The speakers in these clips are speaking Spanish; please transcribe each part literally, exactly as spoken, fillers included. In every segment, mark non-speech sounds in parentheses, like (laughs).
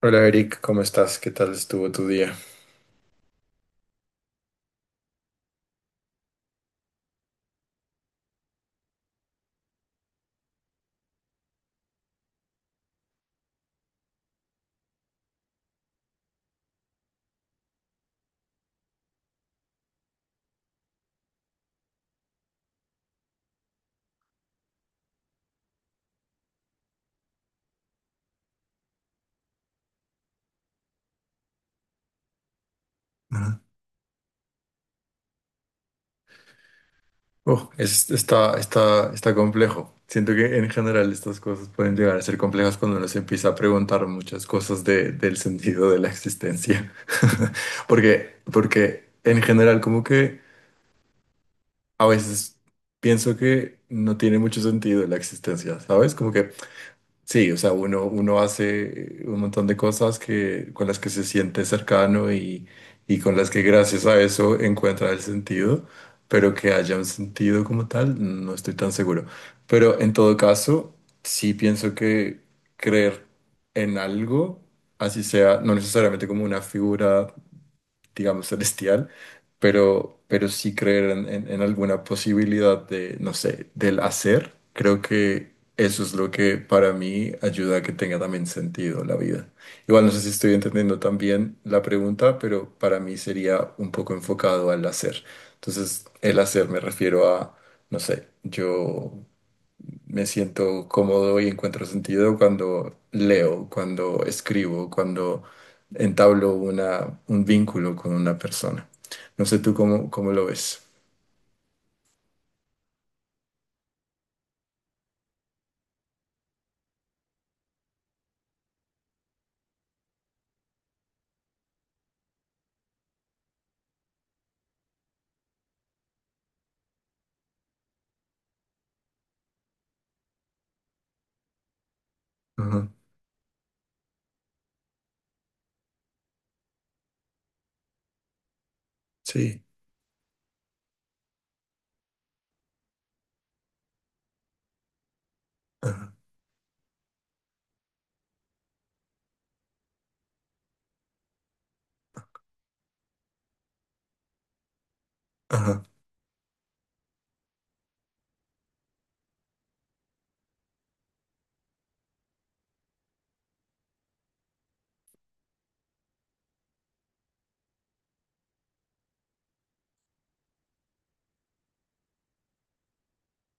Hola Eric, ¿cómo estás? ¿Qué tal estuvo tu día? Ajá. Oh, es- está, está, está complejo. Siento que en general estas cosas pueden llegar a ser complejas cuando uno se empieza a preguntar muchas cosas de- del sentido de la existencia. (laughs) Porque, porque en general como que a veces pienso que no tiene mucho sentido la existencia, ¿sabes? Como que sí, o sea, uno, uno hace eh, un montón de cosas que, con las que se siente cercano y, y con las que gracias a eso encuentra el sentido, pero que haya un sentido como tal, no estoy tan seguro. Pero en todo caso, sí pienso que creer en algo, así sea, no necesariamente como una figura digamos, celestial, pero, pero sí creer en, en- en alguna posibilidad de, no sé, del hacer, creo que eso es lo que para mí ayuda a que tenga también sentido la vida. Igual no sé si estoy entendiendo también la pregunta, pero para mí sería un poco enfocado al hacer. Entonces, el hacer me refiero a, no sé, yo... Me siento cómodo y encuentro sentido cuando leo, cuando escribo, cuando entablo una, un vínculo con una persona. No sé tú cómo, cómo lo ves. Ajá, sí, ajá, ajá,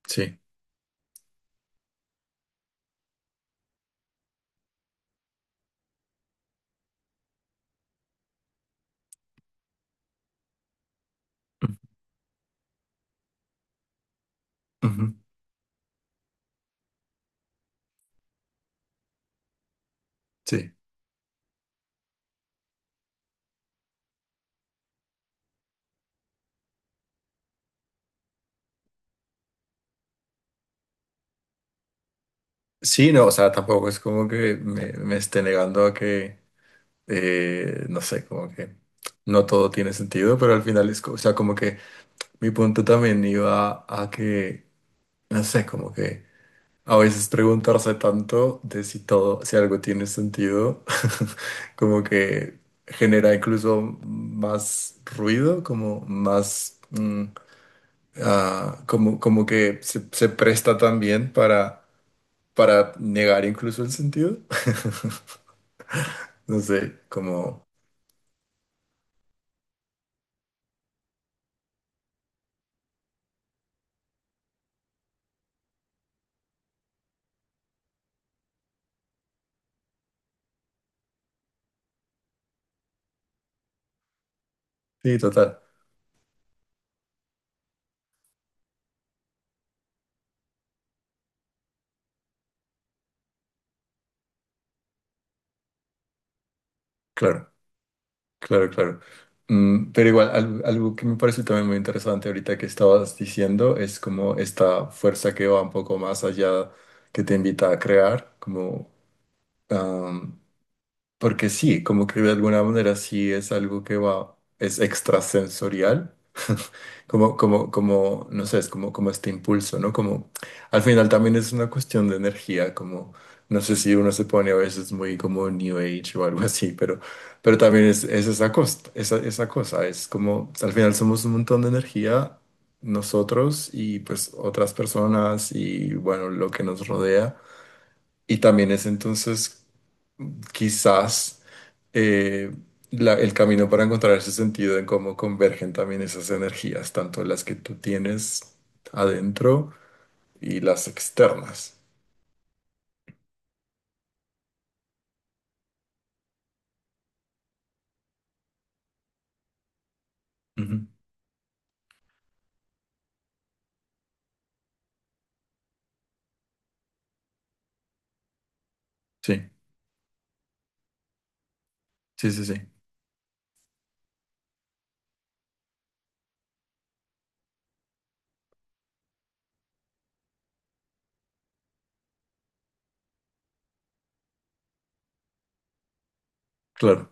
sí, ujú, sí. Sí, no, o sea, tampoco es como que me, me esté negando a que, eh, no sé, como que no todo tiene sentido, pero al final es, co- o sea, como que mi punto también iba a que, no sé, como que... A veces preguntarse tanto de si todo, si algo tiene sentido, (laughs) como que genera incluso más ruido, como más, mm, ah, como, como que se, se presta también para, para negar incluso el sentido. (laughs) No sé, como, sí, total, claro. Claro, claro. Mm, pero igual, al- algo que me parece también muy interesante ahorita que estabas diciendo es como esta fuerza que va un poco más allá, que te invita a crear, como, porque sí, como que de alguna manera sí es algo que va, es extrasensorial, (laughs) como, como, como, no sé, es como, como este impulso, ¿no? Como, al final también es una cuestión de energía, como, no sé si uno se pone a veces muy como New Age o algo (laughs) así, pero, pero también es, es esa costa, esa, esa cosa, es como, al final somos un montón de energía, nosotros y pues otras personas y bueno, lo que nos rodea. Y también es entonces quizás eh, la- el camino para encontrar ese sentido en cómo convergen también esas energías, tanto las que tú tienes adentro y las externas. Ujú. Sí, sí, sí, sí, claro.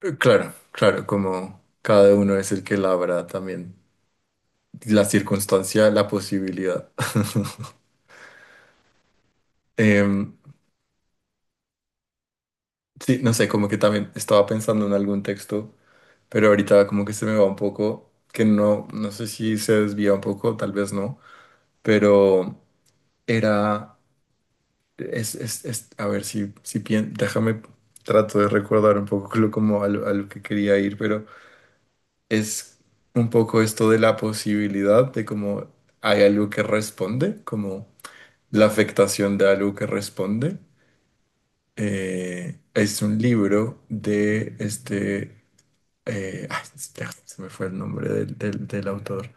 Eh, claro, claro, como cada uno es el que labra también la circunstancia, la posibilidad. (laughs) Em, sí, no sé, como que también estaba pensando en algún texto, pero ahorita como que se me va un poco, que no, no sé si se desvía un poco, tal vez no, pero... Era, es, es, es- a ver si, si pien- déjame, trato de recordar un poco (laughs) lo, como a lo, a lo que quería ir, pero es un poco esto de la posibilidad de como hay algo que responde, como la afectación de algo que responde. Eh, es un libro de este, eh, ay, se se me fue el nombre del, del, del autor,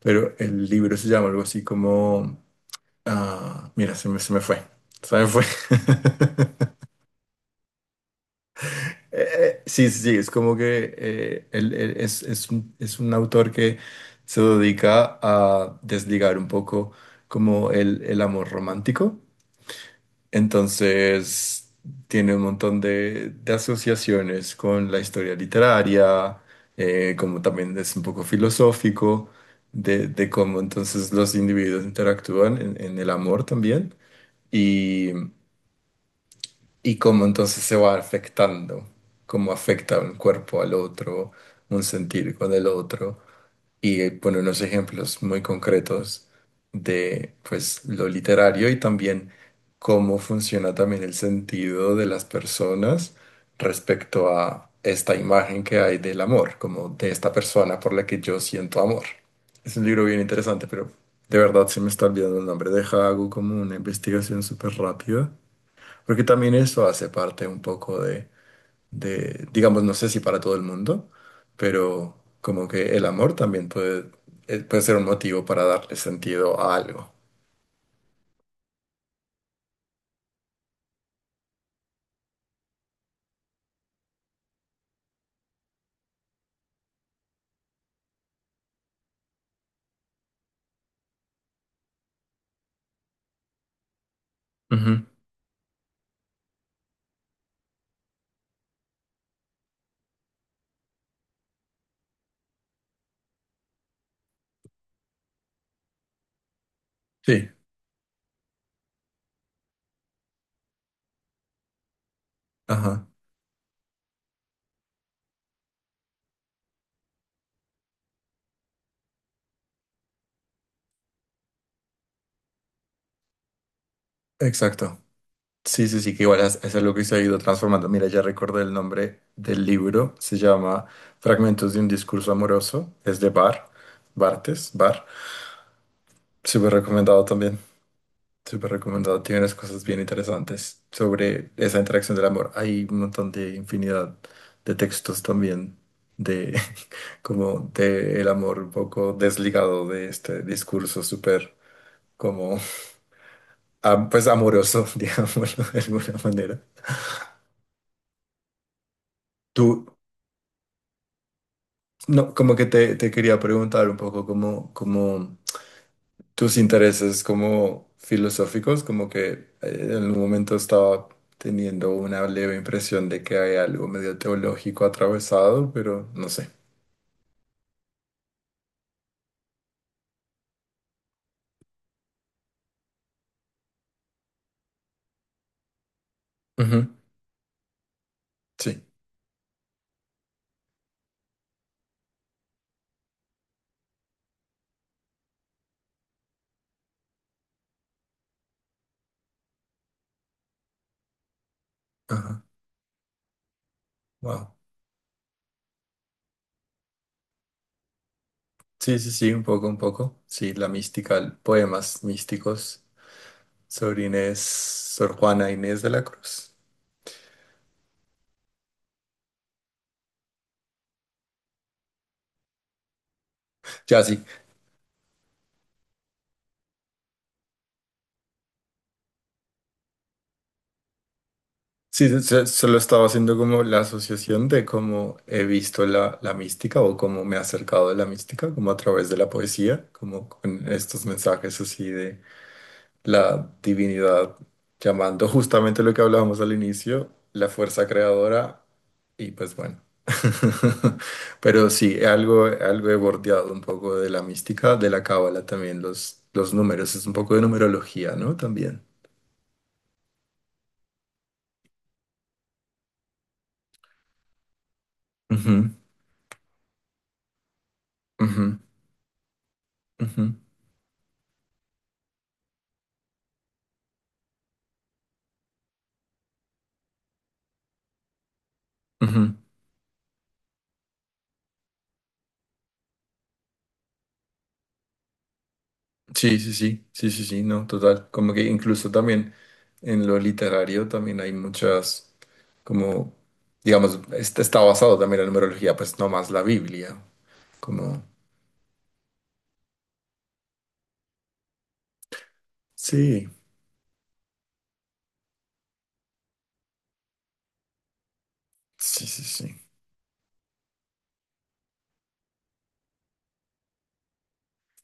pero el libro se llama algo así como, ah, mira, se me, se me fue, se me fue. (laughs) Eh, sí, sí, sí, es como que eh, él, él es, es un, es un autor que se dedica a desligar un poco como el, el amor romántico. Entonces, tiene un montón de, de asociaciones con la historia literaria, eh, como también es un poco filosófico de, de cómo entonces los individuos interactúan en en el amor también y cómo entonces se va afectando, cómo afecta un cuerpo al otro, un sentir con el otro, y eh, pone unos ejemplos muy concretos de pues lo literario y también cómo funciona también el sentido de las personas respecto a esta imagen que hay del amor, como de esta persona por la que yo siento amor. Es un libro bien interesante, pero de verdad se me está olvidando el nombre. Deja, hago como una investigación súper rápida porque también eso hace parte un poco de, de, digamos, no sé si para todo el mundo, pero como que el amor también puede, eh, puede ser un motivo para darle sentido a algo. Ujú. Sí, ajá, exacto. Sí, sí, sí, que igual es, es algo que se ha ido transformando. Mira, ya recordé el nombre del libro, se llama Fragmentos de un discurso amoroso, es de Bar, Bartes, Bar, súper recomendado también. Súper recomendado, tiene unas cosas bien interesantes sobre esa interacción del amor. Hay un montón de infinidad de textos también de (laughs) como de el amor un poco desligado de este discurso súper como (laughs) am- pues amoroso, (laughs) digámoslo de alguna manera. Tú, no, como que te, te quería preguntar un poco como, como tus intereses como filosóficos, como que eh, en algún momento estaba teniendo una leve impresión de que hay algo medio teológico atravesado, pero no sé. Ujú, sí, ajá, wow. Sí, sí, sí, un poco, un poco. Sí, la mística, el- poemas místicos sobre Inés, Sor Juana Inés de la Cruz. (laughs) Ya, sí, sí, se- solo estaba haciendo como la asociación de cómo he visto la, la mística o cómo me he acercado a la mística, como a través de la poesía, como con estos mensajes así de la divinidad llamando justamente lo que hablábamos al inicio, la fuerza creadora y pues bueno. (laughs) Pero sí, algo, algo he bordeado un poco de la mística, de la cábala también, los, los números, es un poco de numerología, ¿no? También. Ujú, ujú, ujú, ujú. Sí, sí, sí, sí, sí, sí, no, total. Como que incluso también en lo literario también hay muchas, como, digamos, este está basado también en la numerología, pues no más la Biblia. Como, sí, sí, sí, sí.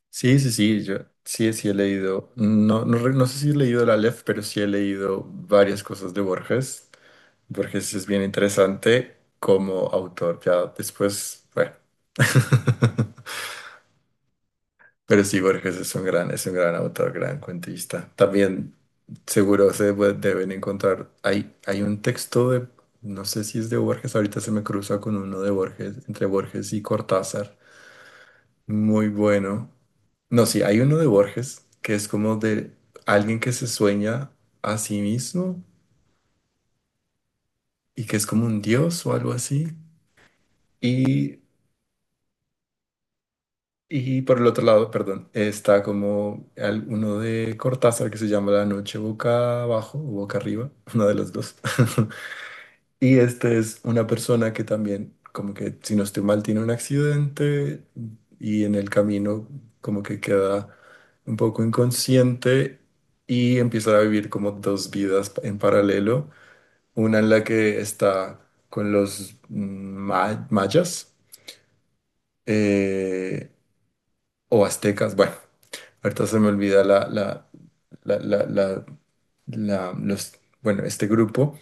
Sí, sí, sí, yo sí, sí he leído, no, no, re- no sé si he leído el Aleph, pero sí he leído varias cosas de Borges. Borges es bien interesante como autor, ya después, bueno. (laughs) Pero sí, Borges es un gran, es un gran autor, gran cuentista. También seguro se debe- deben encontrar. Hay, hay un texto de, no sé si es de Borges, ahorita se me cruza con uno de Borges, entre Borges y Cortázar. Muy bueno. No, sí, hay uno de Borges que es como de alguien que se sueña a sí mismo y que es como un dios o algo así. Y y por el otro lado, perdón, está como al- uno de Cortázar que se llama La noche boca abajo o boca arriba, (laughs) una de las dos. (laughs) Y este es una persona que también, como que si no estoy mal, tiene un accidente y en el camino como que queda un poco inconsciente y empieza a vivir como dos vidas pa- en paralelo, una en la que está con los mm, ma- mayas. Eh, o aztecas, bueno, ahorita se me olvida la, la, la, la, la- la- los, bueno, este grupo,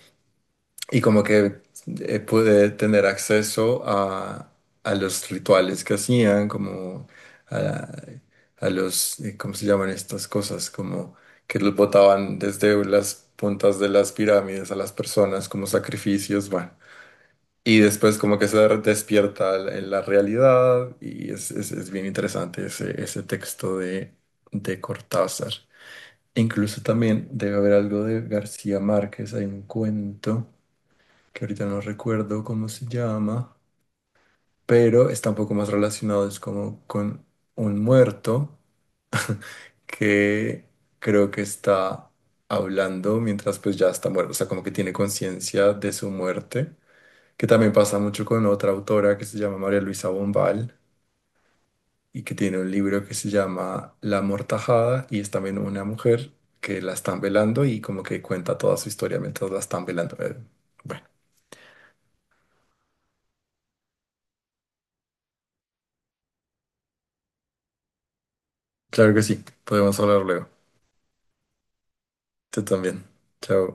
y como que eh, pude tener acceso a, a los rituales que hacían, como a, a los, eh, ¿cómo se llaman estas cosas? Como que los botaban desde las puntas de las pirámides a las personas como sacrificios, bueno. Y después como que se despierta la la realidad y es, es- es bien interesante ese, ese texto de, de Cortázar. Incluso también debe haber algo de García Márquez, hay un cuento que ahorita no recuerdo cómo se llama, pero está un poco más relacionado, es como con un muerto que creo que está hablando mientras pues ya está muerto, o sea, como que tiene conciencia de su muerte que también pasa mucho con otra autora que se llama María Luisa Bombal y que tiene un libro que se llama La Mortajada y es también una mujer que la están velando y como que cuenta toda su historia mientras la están velando. Eh, Bueno, claro que sí, podemos hablar luego. Tú también. Chao.